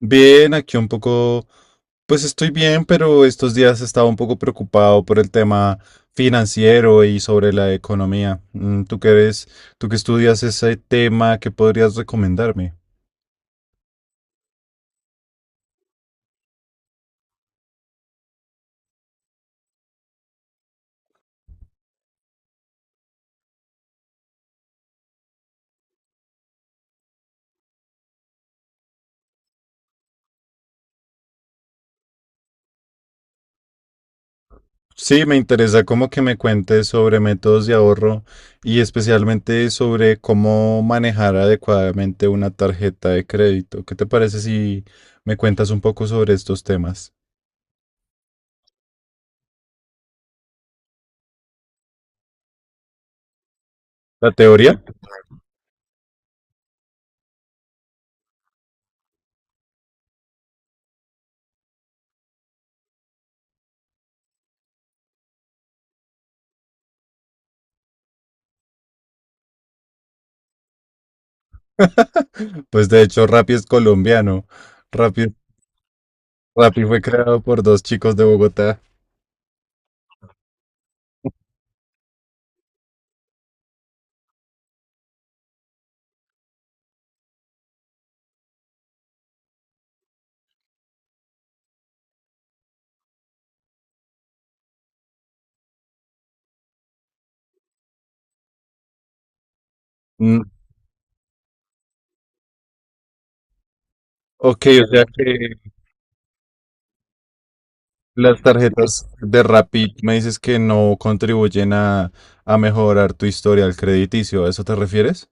Bien, aquí un poco, pues estoy bien, pero estos días estaba un poco preocupado por el tema financiero y sobre la economía. ¿Tú que eres, tú que estudias ese tema, qué podrías recomendarme? Sí, me interesa como que me cuentes sobre métodos de ahorro y especialmente sobre cómo manejar adecuadamente una tarjeta de crédito. ¿Qué te parece si me cuentas un poco sobre estos temas? ¿La teoría? Pues de hecho, Rappi es colombiano. Rappi Rappi fue creado por dos chicos de Bogotá. Mm, ok, o sea que las tarjetas de Rappi me dices que no contribuyen a mejorar tu historial crediticio. ¿A eso te refieres?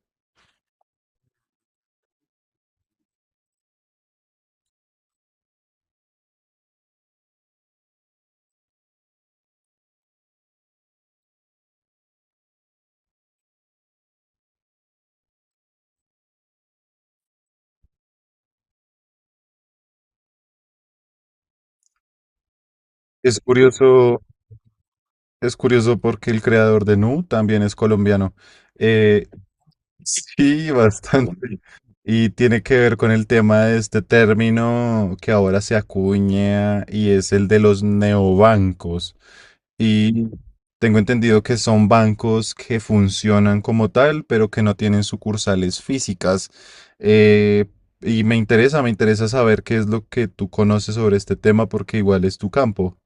Es curioso, es curioso porque el creador de Nu también es colombiano. Eh, Sí, bastante. Y tiene que ver con el tema de este término que ahora se acuña y es el de los neobancos. Y tengo entendido que son bancos que funcionan como tal, pero que no tienen sucursales físicas. Eh, y me interesa saber qué es lo que tú conoces sobre este tema porque igual es tu campo.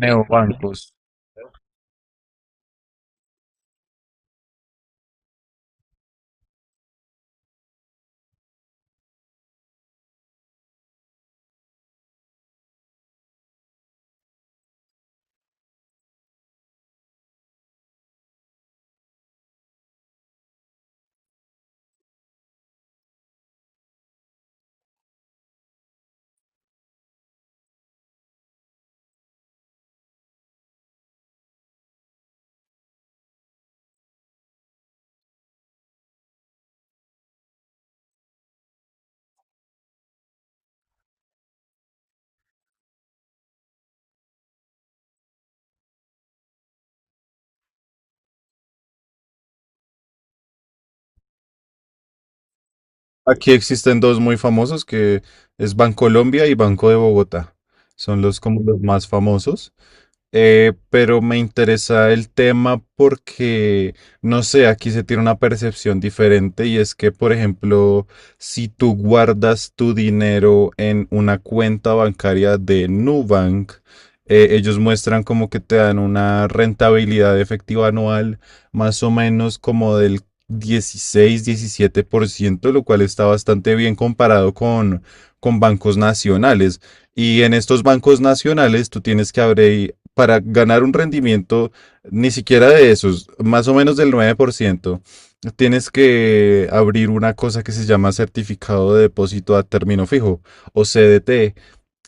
Neobancos. Aquí existen dos muy famosos que es Bancolombia y Banco de Bogotá. Son los como los más famosos. Pero me interesa el tema porque, no sé, aquí se tiene una percepción diferente y es que, por ejemplo, si tú guardas tu dinero en una cuenta bancaria de Nubank, ellos muestran como que te dan una rentabilidad efectiva anual más o menos como del 16 17%, lo cual está bastante bien comparado con bancos nacionales. Y en estos bancos nacionales tú tienes que abrir, para ganar un rendimiento ni siquiera de esos, más o menos del 9%, tienes que abrir una cosa que se llama certificado de depósito a término fijo o CDT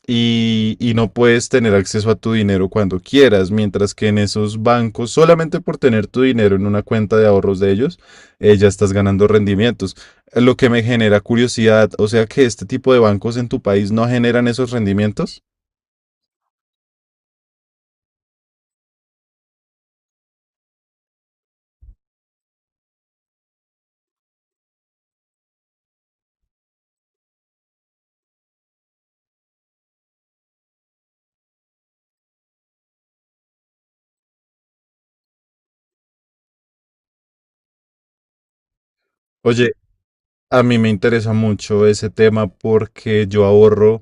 y no puedes tener acceso a tu dinero cuando quieras, mientras que en esos bancos, solamente por tener tu dinero en una cuenta de ahorros de ellos, ya estás ganando rendimientos. Lo que me genera curiosidad, o sea que este tipo de bancos en tu país no generan esos rendimientos. Oye, a mí me interesa mucho ese tema porque yo ahorro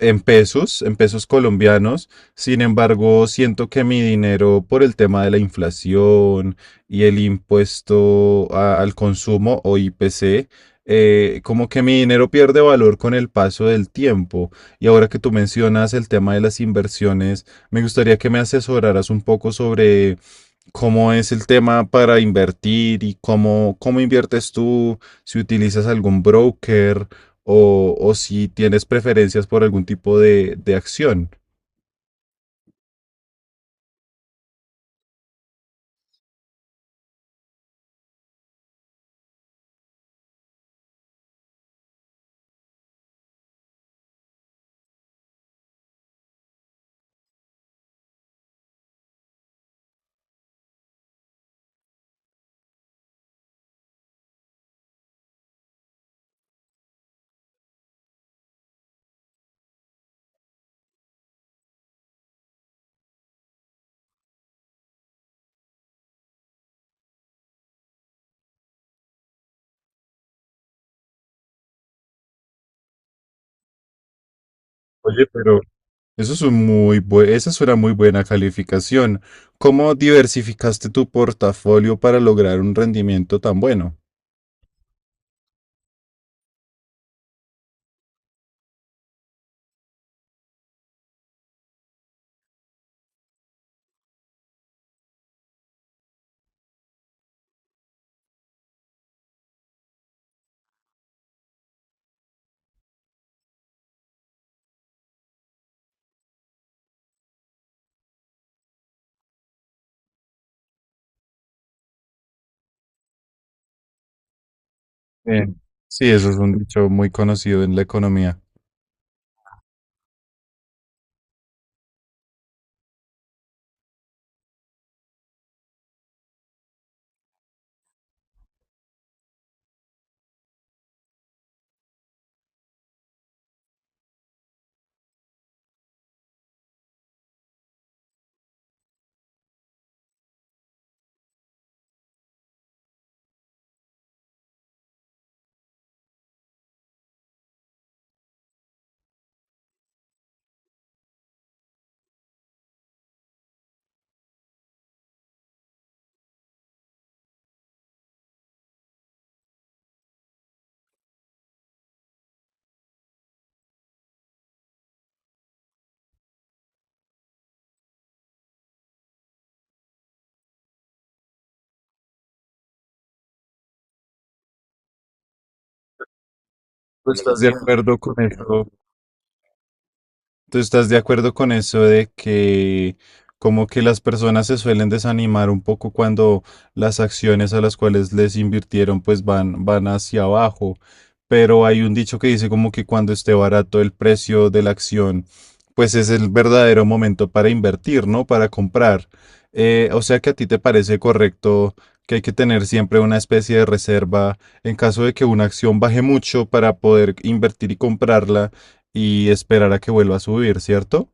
en pesos colombianos. Sin embargo, siento que mi dinero por el tema de la inflación y el impuesto a- al consumo o IPC, como que mi dinero pierde valor con el paso del tiempo. Y ahora que tú mencionas el tema de las inversiones, me gustaría que me asesoraras un poco sobre cómo es el tema para invertir y cómo, cómo inviertes tú, si utilizas algún broker o si tienes preferencias por algún tipo de acción. Oye, pero eso es un muy bue- esa es una muy buena calificación. ¿Cómo diversificaste tu portafolio para lograr un rendimiento tan bueno? Eh, sí, eso es un dicho muy conocido en la economía. ¿Tú estás de acuerdo con eso? ¿Tú estás de acuerdo con eso de que como que las personas se suelen desanimar un poco cuando las acciones a las cuales les invirtieron pues van, van hacia abajo? Pero hay un dicho que dice como que cuando esté barato el precio de la acción, pues es el verdadero momento para invertir, ¿no? Para comprar. O sea que a ti te parece correcto que hay que tener siempre una especie de reserva en caso de que una acción baje mucho para poder invertir y comprarla y esperar a que vuelva a subir, ¿cierto?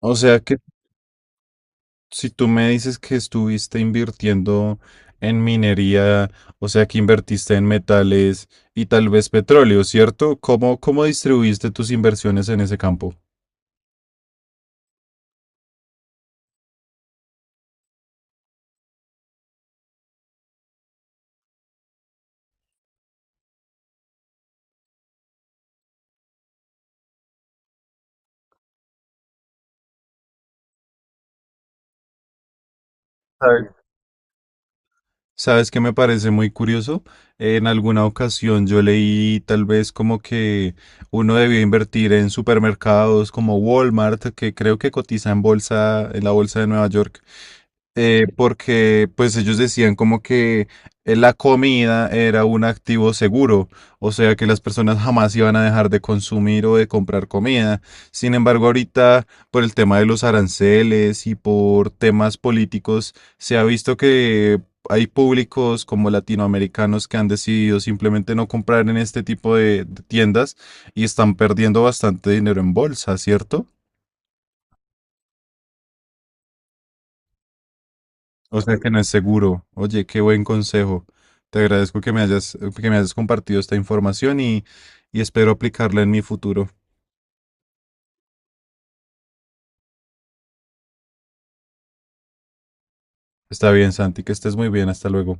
O sea que si tú me dices que estuviste invirtiendo en minería, o sea que invertiste en metales y tal vez petróleo, ¿cierto? ¿Cómo, cómo distribuiste tus inversiones en ese campo? ¿Sabes qué me parece muy curioso? En alguna ocasión yo leí tal vez como que uno debía invertir en supermercados como Walmart, que creo que cotiza en bolsa, en la bolsa de Nueva York, porque pues ellos decían como que la comida era un activo seguro, o sea que las personas jamás iban a dejar de consumir o de comprar comida. Sin embargo, ahorita por el tema de los aranceles y por temas políticos, se ha visto que hay públicos como latinoamericanos que han decidido simplemente no comprar en este tipo de tiendas y están perdiendo bastante dinero en bolsa, ¿cierto? O sea que no es seguro. Oye, qué buen consejo. Te agradezco que me hayas compartido esta información y espero aplicarla en mi futuro. Está bien, Santi, que estés muy bien. Hasta luego.